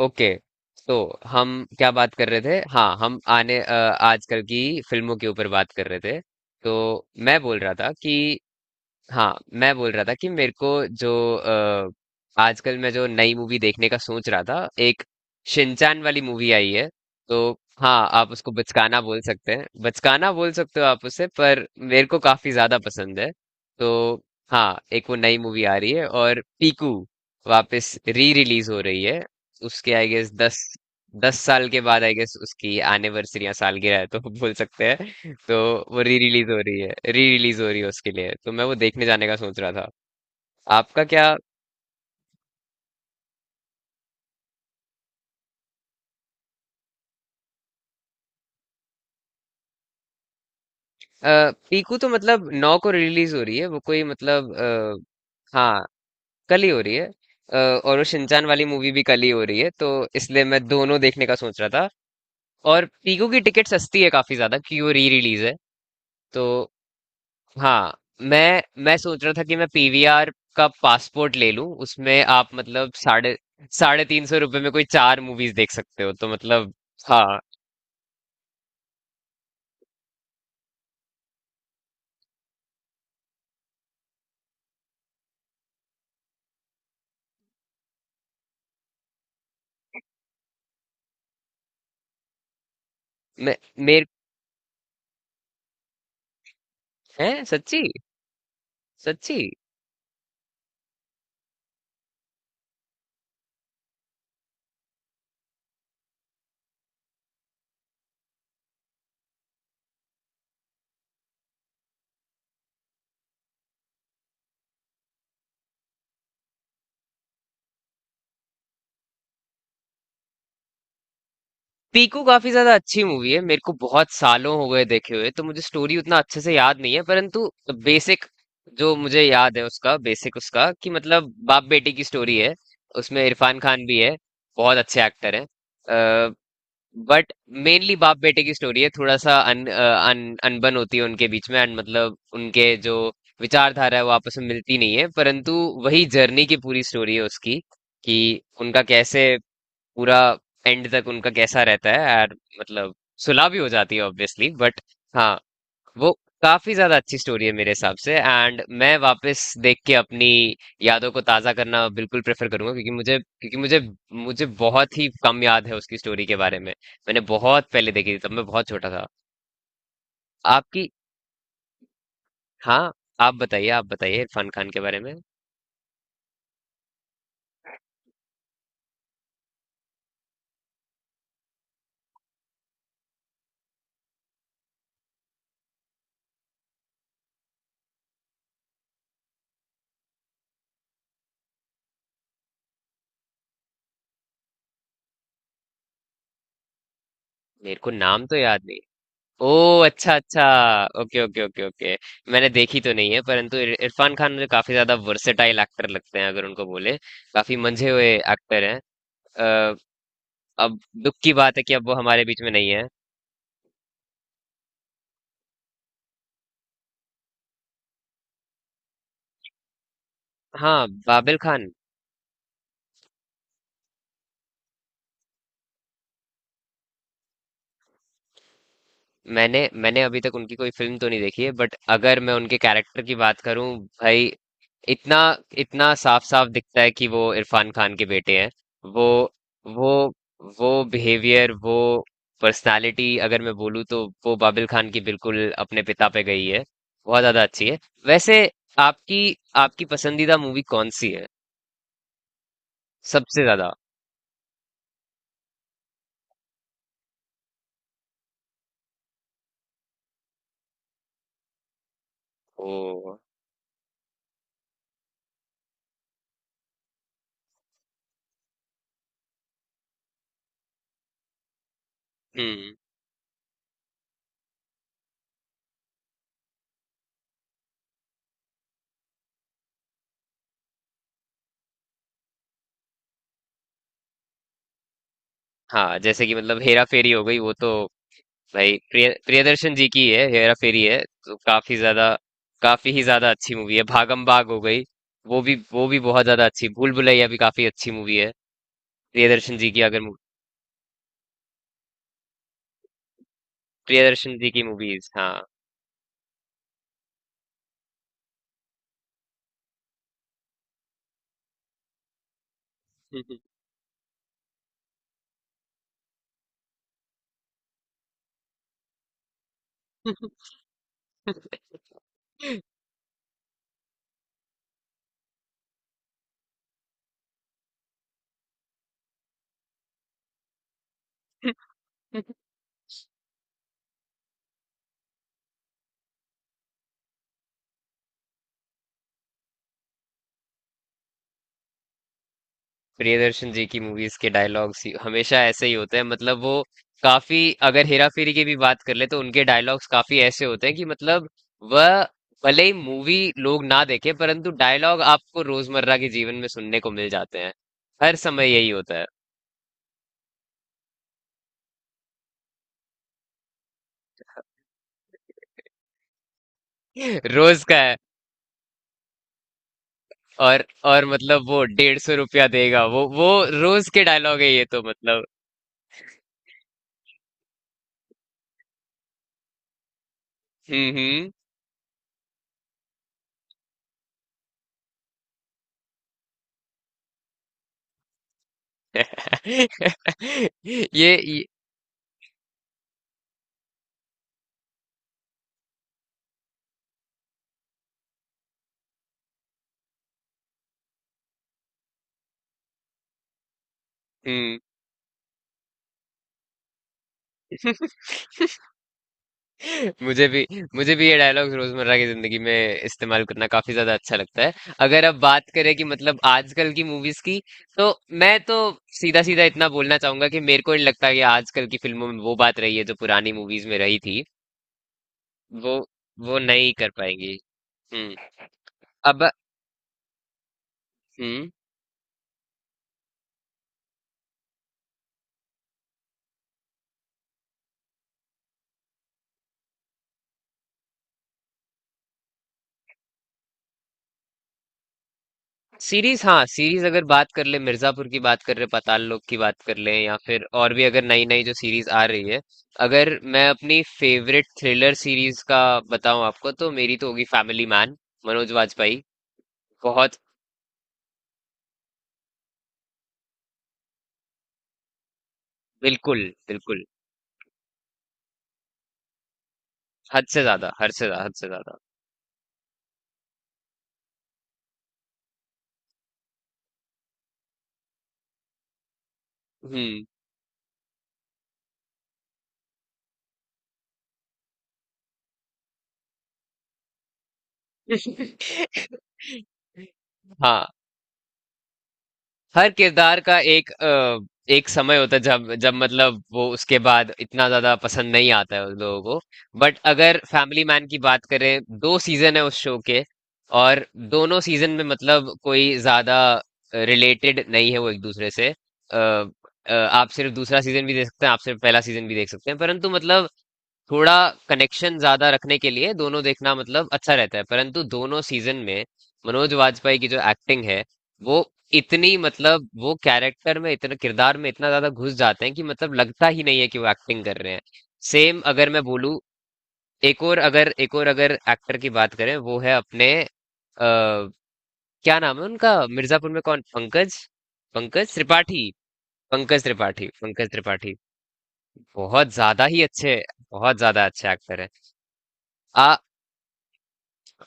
Okay. तो हम क्या बात कर रहे थे? हाँ, हम आजकल की फिल्मों के ऊपर बात कर रहे थे। तो मैं बोल रहा था कि हाँ, मैं बोल रहा था कि मेरे को जो अ, आजकल मैं जो नई मूवी देखने का सोच रहा था, एक शिनचान वाली मूवी आई है। तो हाँ, आप उसको बचकाना बोल सकते हैं, बचकाना बोल सकते हो आप उसे, पर मेरे को काफी ज्यादा पसंद है। तो हाँ, एक वो नई मूवी आ रही है और पीकू वापस री रिलीज हो रही है उसके। आई गेस दस दस साल के बाद आई गेस उसकी एनिवर्सरी या सालगिरह है, तो बोल सकते हैं। तो वो री रिलीज हो रही है, री रिलीज हो रही है, उसके लिए तो मैं वो देखने जाने का सोच रहा था। आपका क्या? पीकू तो मतलब 9 को रिलीज हो रही है। वो कोई मतलब हाँ, कल ही हो रही है। और वो शिनचान वाली मूवी भी कल ही हो रही है, तो इसलिए मैं दोनों देखने का सोच रहा था। और पीकू की टिकट सस्ती है काफी ज्यादा क्योंकि वो री रिलीज है। तो हाँ, मैं सोच रहा था कि मैं पीवीआर का पासपोर्ट ले लूं। उसमें आप मतलब साढ़े साढ़े तीन सौ रुपए में कोई 4 मूवीज देख सकते हो, तो मतलब हाँ। मे, मेरे हैं सच्ची? सच्ची? पीकू काफी ज्यादा अच्छी मूवी है। मेरे को बहुत सालों हो गए देखे हुए, तो मुझे स्टोरी उतना अच्छे से याद नहीं है, परंतु बेसिक जो मुझे याद है उसका, बेसिक उसका कि मतलब बाप बेटी की स्टोरी है। उसमें इरफान खान भी है, बहुत अच्छे एक्टर हैं। बट मेनली बाप बेटे की स्टोरी है। थोड़ा सा अनबन होती है उनके बीच में एंड मतलब उनके जो विचारधारा है वो आपस में मिलती नहीं है, परंतु वही जर्नी की पूरी स्टोरी है उसकी, कि उनका कैसे पूरा एंड तक उनका कैसा रहता है यार। मतलब सुलह भी हो जाती है ऑब्वियसली, बट हाँ, वो काफी ज्यादा अच्छी स्टोरी है मेरे हिसाब से। एंड मैं वापस देख के अपनी यादों को ताजा करना बिल्कुल प्रेफर करूंगा, क्योंकि मुझे मुझे बहुत ही कम याद है उसकी स्टोरी के बारे में। मैंने बहुत पहले देखी थी, तब मैं बहुत छोटा था। आपकी हाँ, आप बताइए इरफान खान के बारे में। मेरे को नाम तो याद नहीं। ओ, अच्छा अच्छा। Okay okay okay okay. मैंने देखी तो नहीं है, परंतु इरफान खान मुझे काफी ज्यादा वर्सेटाइल एक्टर लगते हैं अगर उनको बोले, काफी मंझे हुए एक्टर हैं। अ, अब दुख की बात है कि अब वो हमारे बीच में नहीं है। हाँ, बाबिल खान। मैंने मैंने अभी तक उनकी कोई फिल्म तो नहीं देखी है, बट अगर मैं उनके कैरेक्टर की बात करूं, भाई, इतना इतना साफ साफ दिखता है कि वो इरफान खान के बेटे हैं। वो वो वो बिहेवियर, वो पर्सनालिटी, अगर मैं बोलूँ, तो वो बाबिल खान की बिल्कुल अपने पिता पे गई है। बहुत ज्यादा अच्छी है वैसे। आपकी आपकी पसंदीदा मूवी कौन सी है? सबसे ज्यादा? ओ। हम्म। हाँ, जैसे कि मतलब हेरा फेरी हो गई वो तो। भाई, प्रियदर्शन जी की है हेरा फेरी, है तो काफी ही ज्यादा अच्छी मूवी है। भागम भाग हो गई, वो भी बहुत ज्यादा अच्छी। भूल भुलैया भी काफी अच्छी मूवी है। प्रियदर्शन जी की अगर मू- प्रियदर्शन जी की मूवीज, हाँ। प्रियदर्शन जी की मूवीज के डायलॉग्स हमेशा ऐसे ही होते हैं। मतलब वो काफी अगर हेरा फेरी की भी बात कर ले, तो उनके डायलॉग्स काफी ऐसे होते हैं कि मतलब वह, भले ही मूवी लोग ना देखे, परंतु डायलॉग आपको रोजमर्रा के जीवन में सुनने को मिल जाते हैं। हर समय यही होता है। रोज का है। और मतलब वो 150 रुपया देगा वो रोज के डायलॉग है ये, तो मतलब। हम्म। हम्म। ये हम्म। मुझे भी, मुझे भी ये डायलॉग्स रोजमर्रा की जिंदगी में इस्तेमाल करना काफी ज्यादा अच्छा लगता है। अगर अब बात करें कि मतलब आजकल की मूवीज की, तो मैं तो सीधा सीधा इतना बोलना चाहूंगा कि मेरे को नहीं लगता कि आजकल की फिल्मों में वो बात रही है जो पुरानी मूवीज में रही थी। वो वो नहीं कर पाएंगी। हम्म। अब। हम्म। सीरीज, हाँ। सीरीज अगर बात कर ले, मिर्जापुर की बात कर रहे, पाताल लोक की बात कर ले, या फिर और भी अगर नई नई जो सीरीज आ रही है। अगर मैं अपनी फेवरेट थ्रिलर सीरीज का बताऊं आपको, तो मेरी तो होगी फैमिली मैन। मनोज वाजपेयी। बहुत। बिल्कुल बिल्कुल। हद से ज्यादा, हद से ज्यादा, हद से ज्यादा। हम्म। हाँ। हर किरदार का एक समय होता है, जब जब मतलब वो उसके बाद इतना ज्यादा पसंद नहीं आता है उन लोगों को। बट अगर फैमिली मैन की बात करें, 2 सीजन है उस शो के और दोनों सीजन में मतलब कोई ज्यादा रिलेटेड नहीं है वो एक दूसरे से। आप सिर्फ दूसरा सीजन भी देख सकते हैं, आप सिर्फ पहला सीजन भी देख सकते हैं, परंतु मतलब थोड़ा कनेक्शन ज्यादा रखने के लिए दोनों देखना मतलब अच्छा रहता है। परंतु दोनों सीजन में मनोज वाजपेयी की जो एक्टिंग है, वो इतनी मतलब वो कैरेक्टर में इतना किरदार में इतना ज्यादा घुस जाते हैं कि मतलब लगता ही नहीं है कि वो एक्टिंग कर रहे हैं। सेम अगर मैं बोलूं, एक और अगर एक्टर की बात करें, वो है अपने क्या नाम है उनका मिर्जापुर में, कौन? पंकज पंकज त्रिपाठी। पंकज त्रिपाठी। पंकज त्रिपाठी। बहुत ज्यादा ही अच्छे, बहुत ज्यादा अच्छे एक्टर हैं। आ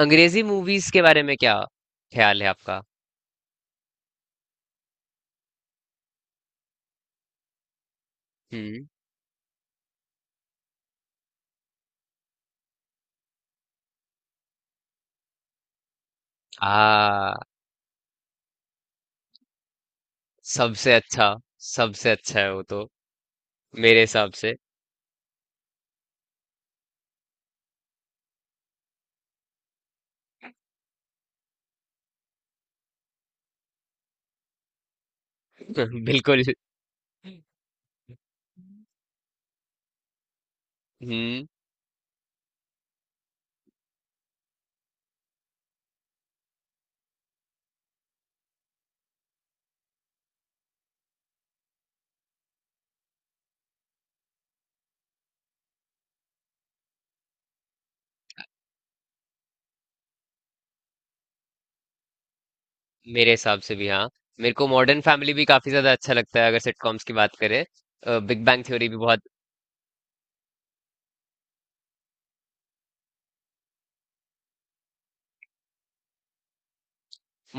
अंग्रेजी मूवीज के बारे में क्या ख्याल है आपका? हम्म। आ सबसे अच्छा। सबसे अच्छा है वो तो मेरे हिसाब से। बिल्कुल। हम्म। मेरे हिसाब से भी, हाँ। मेरे को मॉडर्न फैमिली भी काफी ज्यादा अच्छा लगता है अगर सिटकॉम्स की बात करें। बिग बैंग थ्योरी भी बहुत।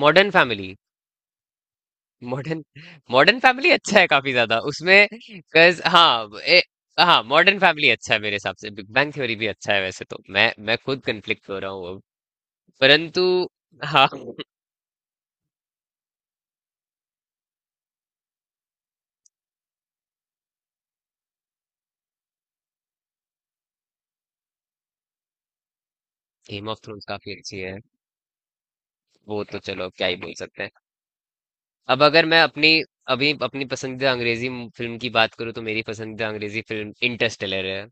Modern family. Modern modern family अच्छा है, काफी ज्यादा उसमें। हाँ, हाँ, मॉडर्न फैमिली अच्छा है मेरे हिसाब से। बिग बैंग थ्योरी भी अच्छा है वैसे तो। मैं खुद कंफ्लिक्ट हो रहा हूँ, परंतु हाँ। गेम ऑफ थ्रोन्स काफी अच्छी है। वो तो चलो क्या ही बोल सकते हैं। अब अगर मैं अपनी अभी अपनी पसंदीदा अंग्रेजी फिल्म की बात करूँ, तो मेरी पसंदीदा अंग्रेजी फिल्म इंटरस्टेलर है।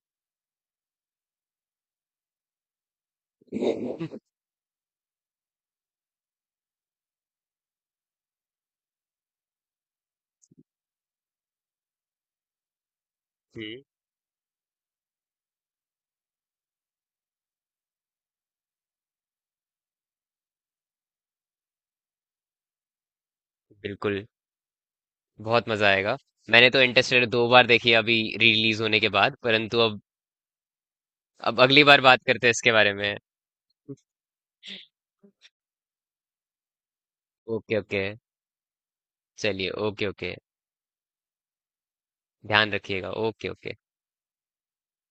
हम्म। बिल्कुल। बहुत मजा आएगा। मैंने तो इंटरस्टेलर 2 बार देखी है अभी रिलीज होने के बाद, परंतु अब अगली बार बात करते हैं इसके बारे में। Okay okay. चलिए, ओके ओके। ध्यान रखिएगा। Okay okay.